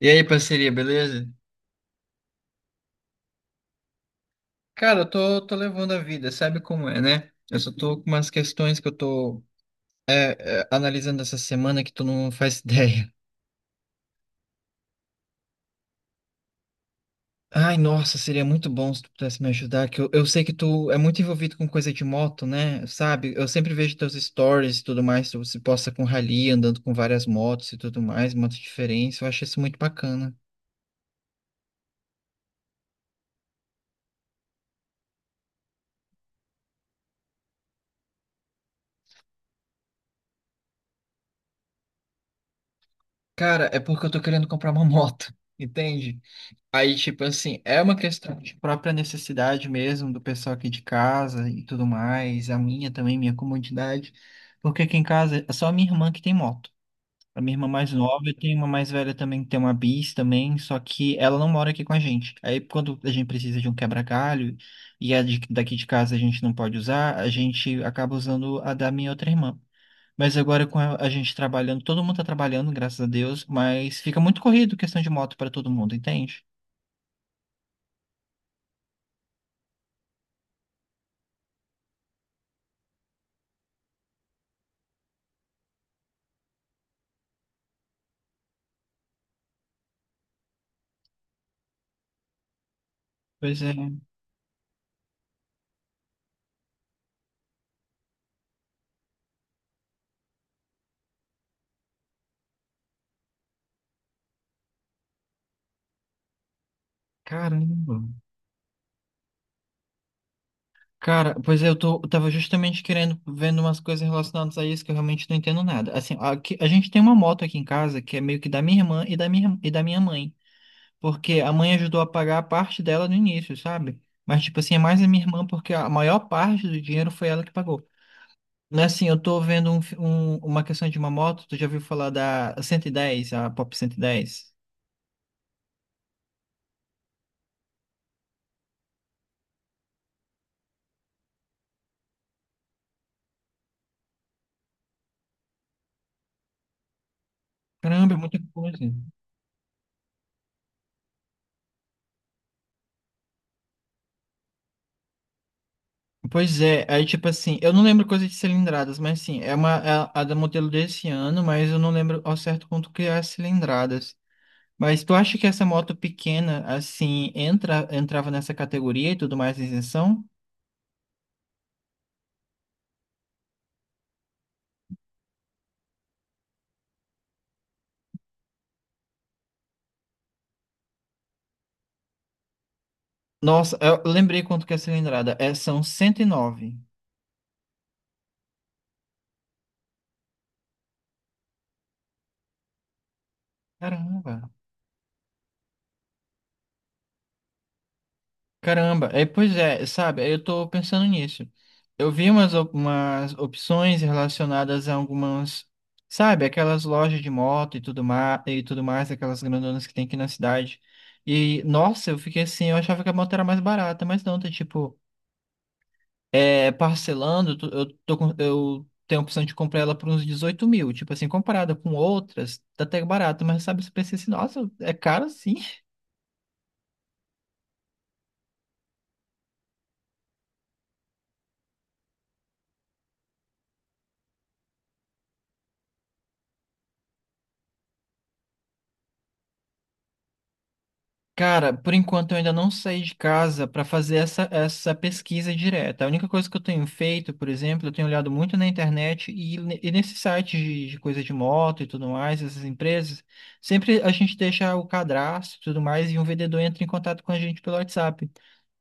E aí, parceria, beleza? Cara, eu tô levando a vida, sabe como é, né? Eu só tô com umas questões que eu tô analisando essa semana que tu não faz ideia. Ai, nossa, seria muito bom se tu pudesse me ajudar, que eu sei que tu é muito envolvido com coisa de moto, né? Sabe? Eu sempre vejo teus stories e tudo mais, tu se posta com rally, andando com várias motos e tudo mais, motos diferentes, eu acho isso muito bacana. Cara, é porque eu tô querendo comprar uma moto, entende? Aí, tipo assim, é uma questão de própria necessidade mesmo do pessoal aqui de casa e tudo mais, a minha também, minha comodidade, porque aqui em casa é só a minha irmã que tem moto. A minha irmã mais nova, eu tenho uma mais velha também que tem uma bis também, só que ela não mora aqui com a gente. Aí quando a gente precisa de um quebra-galho e daqui de casa a gente não pode usar, a gente acaba usando a da minha outra irmã. Mas agora com a gente trabalhando, todo mundo tá trabalhando, graças a Deus, mas fica muito corrido questão de moto para todo mundo, entende? Pois é. Caramba. Cara, pois é, eu tava justamente querendo, vendo umas coisas relacionadas a isso que eu realmente não entendo nada. Assim, aqui, a gente tem uma moto aqui em casa que é meio que da minha irmã e da minha mãe. Porque a mãe ajudou a pagar a parte dela no início, sabe? Mas, tipo assim, é mais a minha irmã porque a maior parte do dinheiro foi ela que pagou. Né, assim, eu tô vendo uma questão de uma moto, tu já ouviu falar da 110, a Pop 110? Caramba, é muita coisa. Pois é, aí tipo assim, eu não lembro coisas de cilindradas, mas sim, é uma é a da modelo desse ano, mas eu não lembro ao certo quanto que é as cilindradas. Mas tu acha que essa moto pequena, assim, entra, entrava nessa categoria e tudo mais, isenção? Nossa, eu lembrei quanto que é a cilindrada. É, são 109. Caramba. Caramba, é, pois é, sabe, eu tô pensando nisso. Eu vi umas opções relacionadas a algumas, sabe, aquelas lojas de moto e tudo mais, aquelas grandonas que tem aqui na cidade. E, nossa, eu fiquei assim, eu achava que a moto era mais barata, mas não, tá tipo, é, parcelando, eu tenho a opção de comprar ela por uns 18 mil, tipo assim, comparada com outras, tá até barato, mas sabe, você pensa assim, nossa, é caro sim. Cara, por enquanto eu ainda não saí de casa para fazer essa pesquisa direta. A única coisa que eu tenho feito, por exemplo, eu tenho olhado muito na internet e e nesses sites de coisa de moto e tudo mais, essas empresas, sempre a gente deixa o cadastro e tudo mais e um vendedor entra em contato com a gente pelo WhatsApp.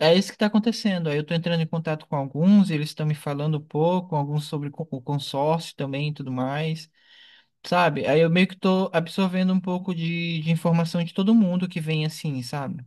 É isso que está acontecendo. Aí eu estou entrando em contato com alguns, eles estão me falando um pouco, alguns sobre o consórcio também e tudo mais. Sabe? Aí eu meio que tô absorvendo um pouco de informação de todo mundo que vem assim, sabe?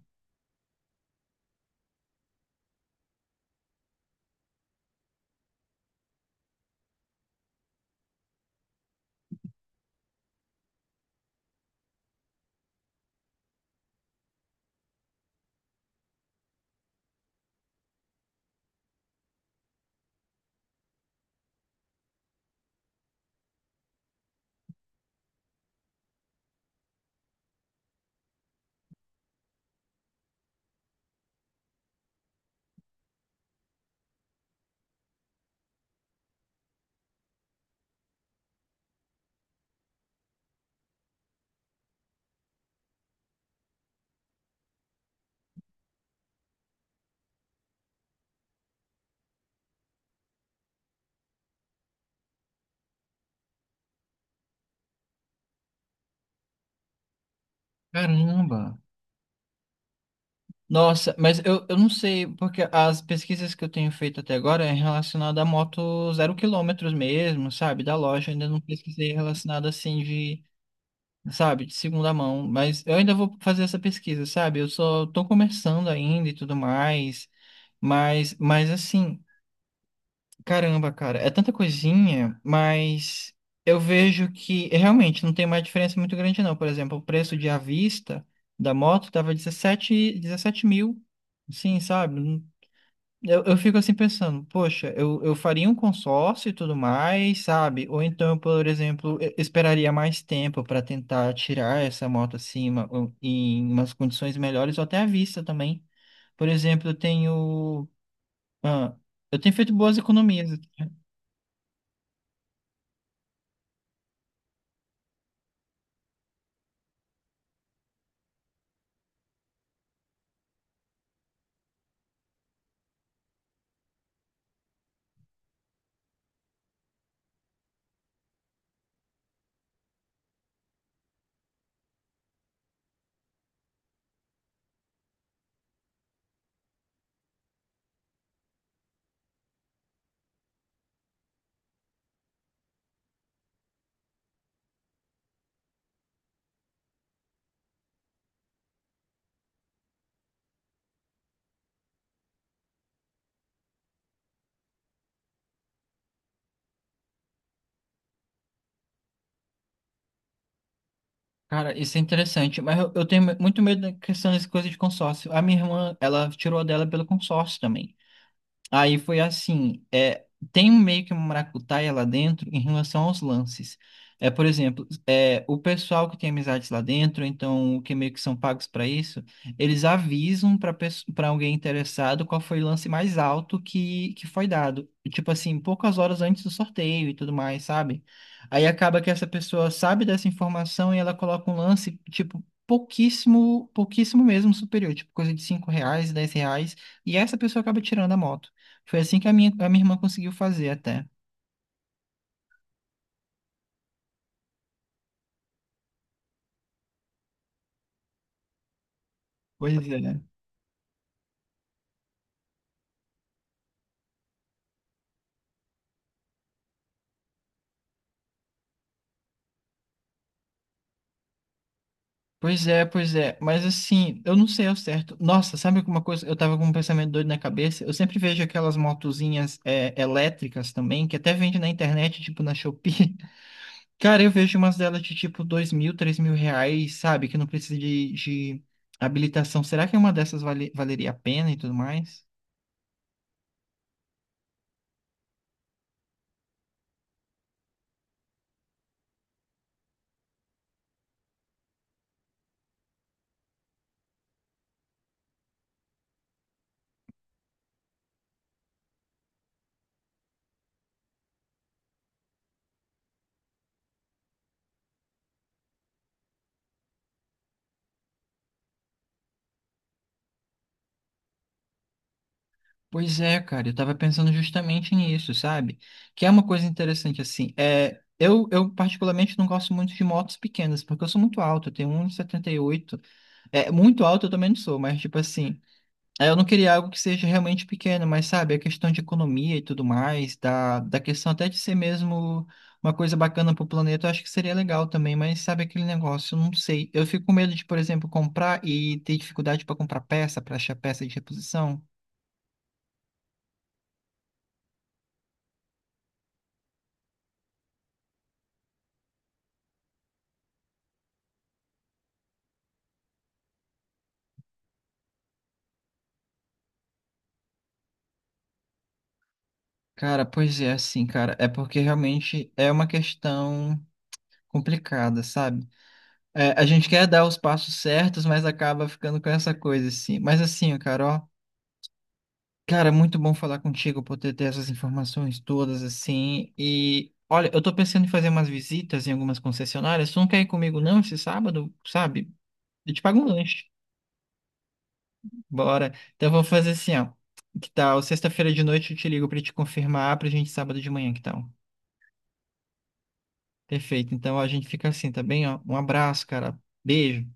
Caramba! Nossa, mas eu não sei, porque as pesquisas que eu tenho feito até agora é relacionada a moto zero quilômetros mesmo, sabe? Da loja, ainda não pesquisei relacionada assim de, sabe, de segunda mão. Mas eu ainda vou fazer essa pesquisa, sabe? Eu só tô começando ainda e tudo mais. Mas assim. Caramba, cara, é tanta coisinha, mas eu vejo que realmente não tem mais diferença muito grande, não. Por exemplo, o preço de à vista da moto tava 17, 17 mil, sim, sabe? Eu fico assim pensando, poxa, eu faria um consórcio e tudo mais, sabe? Ou então, por exemplo, eu esperaria mais tempo para tentar tirar essa moto acima ou em umas condições melhores ou até à vista também. Por exemplo, eu tenho. Ah, eu tenho feito boas economias. Cara, isso é interessante, mas eu tenho muito medo da questão dessa coisa de consórcio. A minha irmã, ela tirou a dela pelo consórcio também. Aí foi assim, é, tem um meio que uma maracutaia lá dentro em relação aos lances. É, por exemplo, é, o pessoal que tem amizades lá dentro, então que meio que são pagos para isso, eles avisam para alguém interessado qual foi o lance mais alto que foi dado. Tipo assim, poucas horas antes do sorteio e tudo mais, sabe? Aí acaba que essa pessoa sabe dessa informação e ela coloca um lance, tipo, pouquíssimo, pouquíssimo mesmo superior, tipo coisa de R$ 5, R$ 10. E essa pessoa acaba tirando a moto. Foi assim que a minha irmã conseguiu fazer até. Pois é. Pois é, pois é. Mas assim, eu não sei ao certo. Nossa, sabe alguma coisa? Eu tava com um pensamento doido na cabeça. Eu sempre vejo aquelas motozinhas é, elétricas também, que até vende na internet, tipo na Shopee. Cara, eu vejo umas delas de tipo 2 mil, 3 mil reais, sabe? Que não precisa de habilitação. Será que uma dessas valeria a pena e tudo mais? Pois é, cara, eu tava pensando justamente nisso, sabe? Que é uma coisa interessante, assim, é, eu particularmente não gosto muito de motos pequenas, porque eu sou muito alto, eu tenho 1,78 m. É, muito alto eu também não sou, mas, tipo assim, é, eu não queria algo que seja realmente pequeno, mas, sabe, a questão de economia e tudo mais, da questão até de ser mesmo uma coisa bacana pro planeta, eu acho que seria legal também, mas, sabe, aquele negócio, eu não sei, eu fico com medo de, por exemplo, comprar e ter dificuldade para comprar peça, para achar peça de reposição. Cara, pois é, assim, cara, é porque realmente é uma questão complicada, sabe? É, a gente quer dar os passos certos, mas acaba ficando com essa coisa, assim. Mas assim, cara, ó, cara, muito bom falar contigo, poder ter essas informações todas, assim. E olha, eu tô pensando em fazer umas visitas em algumas concessionárias. Tu não quer ir comigo, não, esse sábado, sabe? Eu te pago um lanche. Bora. Então eu vou fazer assim, ó. Que tal? Sexta-feira de noite eu te ligo pra te confirmar pra gente sábado de manhã, que tal? Perfeito. Então a gente fica assim, tá bem? Ó, um abraço, cara. Beijo.